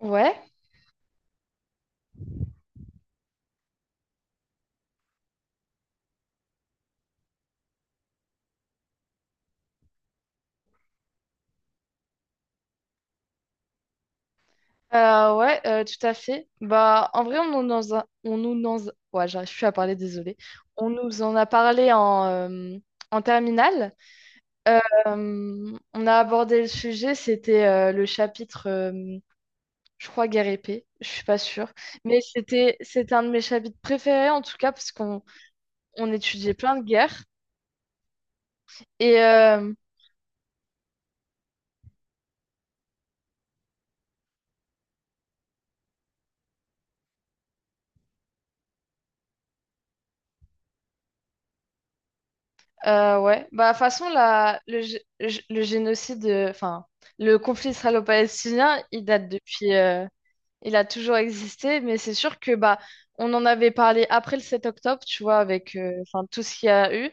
Ouais, ouais, tout à fait. Bah, en vrai, on nous dans un- on nous dans un- ouais, j'arrive plus à parler, désolée. On nous en a parlé en terminale. Euh, on a abordé le sujet, c'était le chapitre, je crois, guerre épée, je suis pas sûre. Mais c'était un de mes chapitres préférés, en tout cas, parce qu'on on étudiait plein de guerres. Et, euh, ouais, bah, de toute façon, la, le, gé- le gé- le génocide, le conflit israélo-palestinien, il date depuis, il a toujours existé, mais c'est sûr que, bah, on en avait parlé après le 7 octobre, tu vois, enfin, tout ce qu'il y a eu.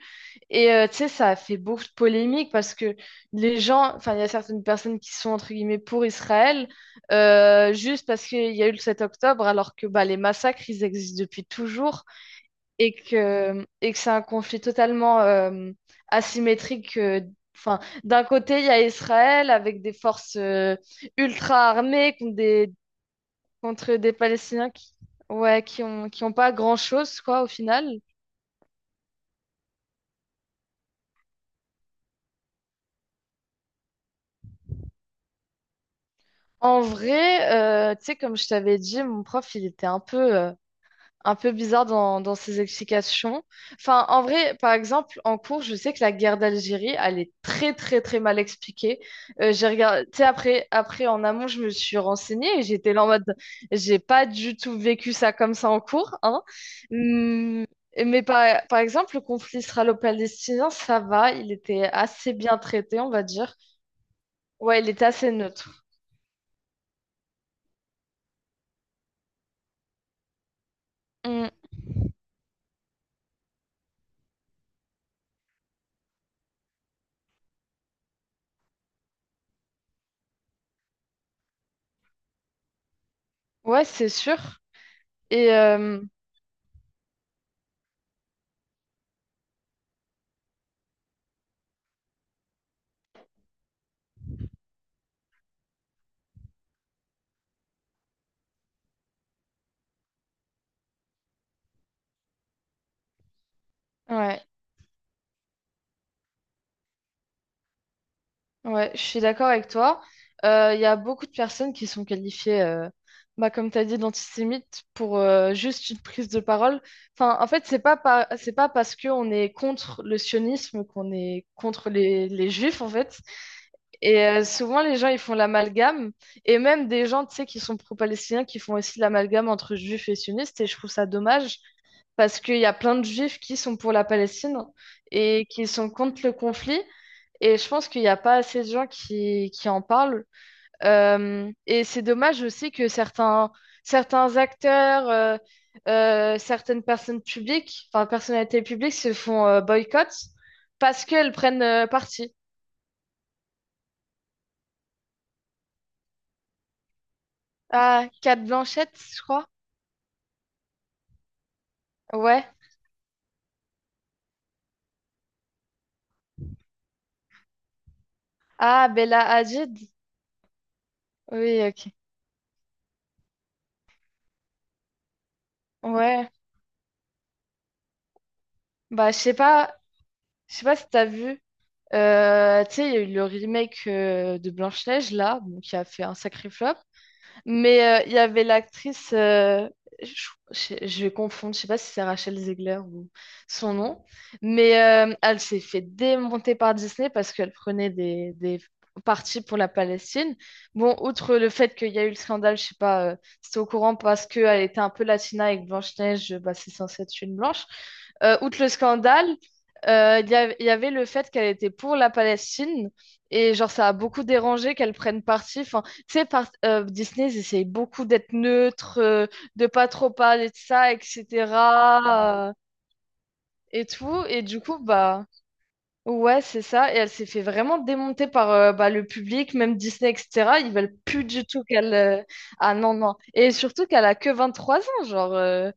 Tu sais, ça a fait beaucoup de polémiques parce que les gens, il y a certaines personnes qui sont, entre guillemets, pour Israël, juste parce qu'il y a eu le 7 octobre, alors que, bah, les massacres, ils existent depuis toujours et que c'est un conflit totalement asymétrique. Enfin, d'un côté, il y a Israël avec des forces ultra armées contre des Palestiniens qui ont pas grand-chose, quoi, au final. En vrai, tu sais, comme je t'avais dit, mon prof, il était un peu un peu bizarre dans ses explications. Enfin, en vrai, par exemple, en cours, je sais que la guerre d'Algérie, elle est très, très, très mal expliquée. J'ai regardé, tu sais, après, en amont, je me suis renseignée et j'étais là en mode, j'ai pas du tout vécu ça comme ça en cours, hein. Hum. Par exemple, le conflit israélo-palestinien, ça va, il était assez bien traité, on va dire. Ouais, il était assez neutre. Hum. Ouais, c'est sûr. Et euh, ouais. Ouais, je suis d'accord avec toi. Il y a beaucoup de personnes qui sont qualifiées, comme tu as dit, d'antisémites pour juste une prise de parole. Enfin, en fait, c'est pas parce qu'on est contre le sionisme qu'on est contre les juifs, en fait. Souvent, les gens, ils font l'amalgame. Et même des gens, tu sais, qui sont pro-palestiniens, qui font aussi l'amalgame entre juifs et sionistes. Et je trouve ça dommage parce qu'il y a plein de juifs qui sont pour la Palestine et qui sont contre le conflit. Et je pense qu'il n'y a pas assez de gens qui en parlent. Et c'est dommage aussi que certains acteurs, certaines personnes publiques, enfin personnalités publiques se font boycott parce qu'elles prennent parti. Ah, Cat Blanchette, je crois. Ouais. Ah, Bella Hadid. Oui, ok. Ouais. Bah, je sais pas si t'as vu. Tu sais, il y a eu le remake de Blanche-Neige, là, bon, qui a fait un sacré flop. Mais il y avait l'actrice, je vais confondre, je sais pas si c'est Rachel Zegler ou son nom, mais elle s'est fait démonter par Disney parce qu'elle prenait des parties pour la Palestine. Bon, outre le fait qu'il y a eu le scandale, je sais pas, c'était au courant parce qu'elle était un peu latina avec Blanche-Neige, bah, c'est censé être une blanche. Outre le scandale, il y avait le fait qu'elle était pour la Palestine et genre ça a beaucoup dérangé qu'elle prenne parti. Enfin, tu sais, Disney, ils essayent beaucoup d'être neutres, de pas trop parler de ça, etc. euh, et tout. Et du coup, bah, ouais, c'est ça. Et elle s'est fait vraiment démonter par bah, le public, même Disney, etc. Ils veulent plus du tout qu'elle. Ah non, non. Et surtout qu'elle a que 23 ans, genre.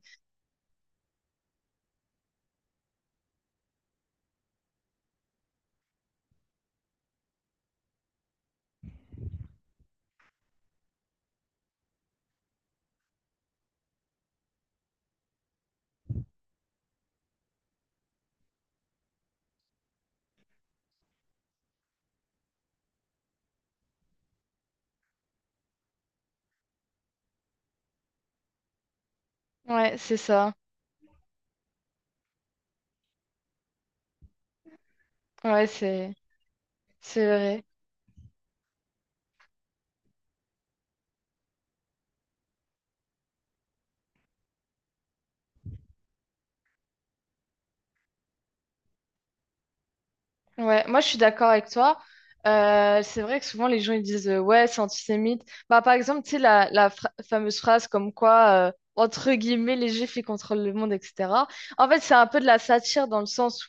Ouais, c'est ça. Ouais, c'est vrai. Ouais, moi je suis d'accord avec toi. C'est vrai que souvent les gens ils disent ouais, c'est antisémite. Bah, par exemple, tu sais, fameuse phrase comme quoi, entre guillemets, les juifs ils contrôlent le monde, etc. En fait, c'est un peu de la satire dans le sens.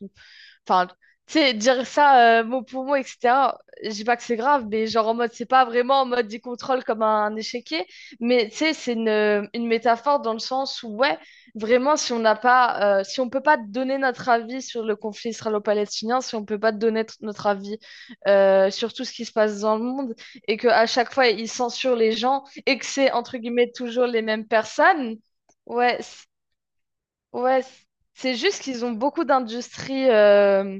Enfin, tu sais, dire ça mot pour mot, etc. Je dis pas que c'est grave, mais genre en mode, c'est pas vraiment en mode il contrôle comme un échiquier, mais tu sais, une métaphore dans le sens où, ouais, vraiment, si on n'a pas, si on peut pas te donner notre avis sur le conflit israélo-palestinien, si on peut pas te donner notre avis sur tout ce qui se passe dans le monde, et que à chaque fois, ils censurent les gens, et que c'est, entre guillemets, toujours les mêmes personnes, ouais, c- ouais, c- c'est juste qu'ils ont beaucoup d'industries.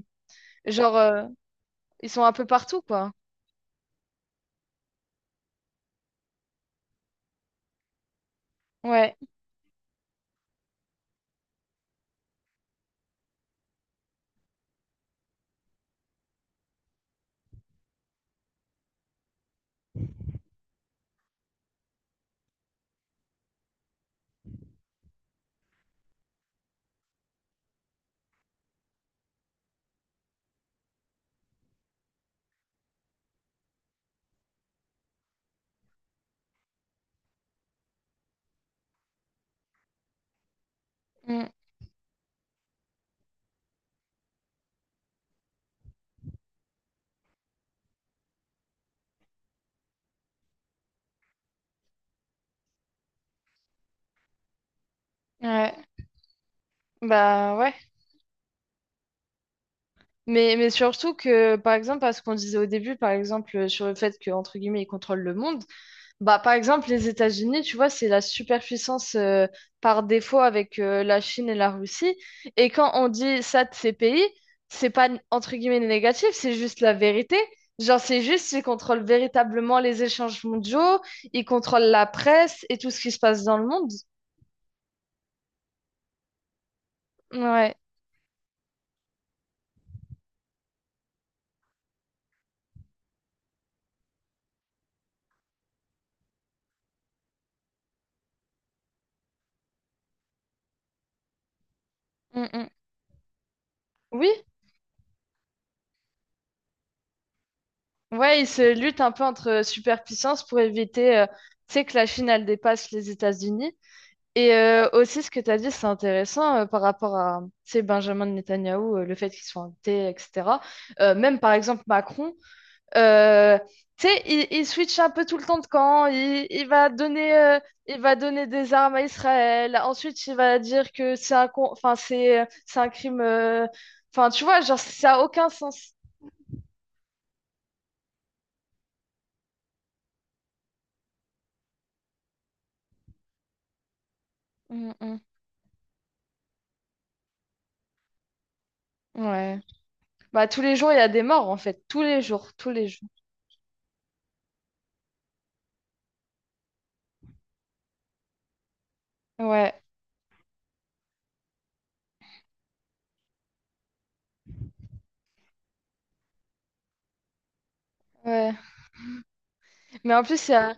Genre, euh, ils sont un peu partout, quoi. Ouais. Mm. Ouais. Bah ouais. Mais surtout que, par exemple, à ce qu'on disait au début, par exemple, sur le fait que, entre guillemets, ils contrôlent le monde, bah par exemple, les États-Unis, tu vois, c'est la superpuissance par défaut avec la Chine et la Russie. Et quand on dit ça de ces pays, c'est pas, entre guillemets, négatif, c'est juste la vérité. Genre, c'est juste, ils contrôlent véritablement les échanges mondiaux, ils contrôlent la presse et tout ce qui se passe dans le monde. Ouais. Mm, mm. Oui, ouais, ils se luttent un peu entre superpuissances pour éviter, tu sais, que la Chine, elle dépasse les États-Unis. Et aussi, ce que tu as dit, c'est intéressant par rapport à, tu sais, Benjamin Netanyahou, le fait qu'il soit invité, etc. Même, par exemple, Macron, euh, tu sais, il switch un peu tout le temps de camp. Il va donner, il va donner des armes à Israël. Ensuite, il va dire que c'est un crime. Enfin, tu vois, genre, ça a aucun sens. Mm, mm. Ouais. Bah, tous les jours, il y a des morts, en fait. Tous les jours, tous les jours. Ouais, ouais. Mais en plus, il y a-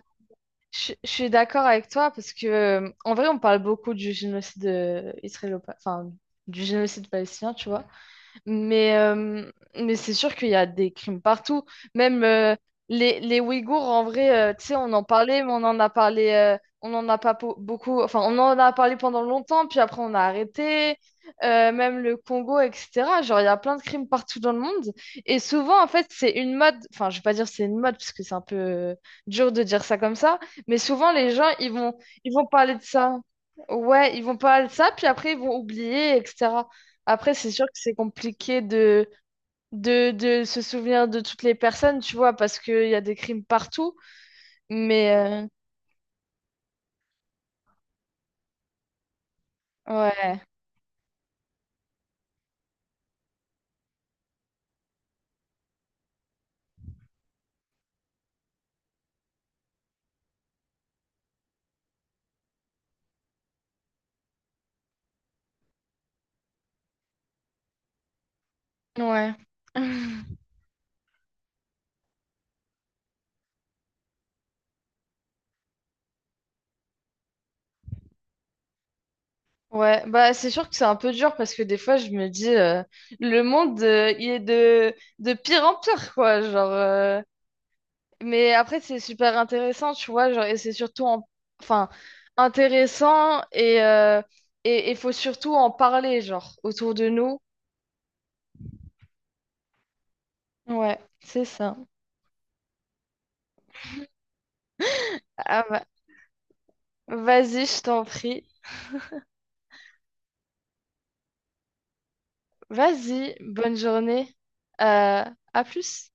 je, suis d'accord avec toi parce que, en vrai, on parle beaucoup du génocide israélo, enfin, du génocide palestinien, tu vois. Mais, euh, mais c'est sûr qu'il y a des crimes partout. Même les Ouïghours, en vrai, tu sais, on en parlait, mais on en a parlé, on en a pas po- beaucoup. Enfin, on en a parlé pendant longtemps, puis après on a arrêté. Même le Congo, etc. Genre, il y a plein de crimes partout dans le monde. Et souvent, en fait, c'est une mode. Enfin, je vais pas dire c'est une mode, parce que c'est un peu dur de dire ça comme ça. Mais souvent, les gens, ils vont parler de ça. Ouais, ils vont parler de ça, puis après, ils vont oublier, etc. Après, c'est sûr que c'est compliqué de se souvenir de toutes les personnes, tu vois, parce qu'il y a des crimes partout. Mais euh, ouais, ouais. Ouais, bah c'est sûr que c'est un peu dur parce que des fois je me dis le monde il est de pire en pire quoi genre mais après c'est super intéressant tu vois genre et c'est surtout enfin intéressant et il faut surtout en parler genre autour de nous ouais c'est ça. Ah, bah vas-y, je t'en prie. Vas-y, bonne journée. Euh, à plus.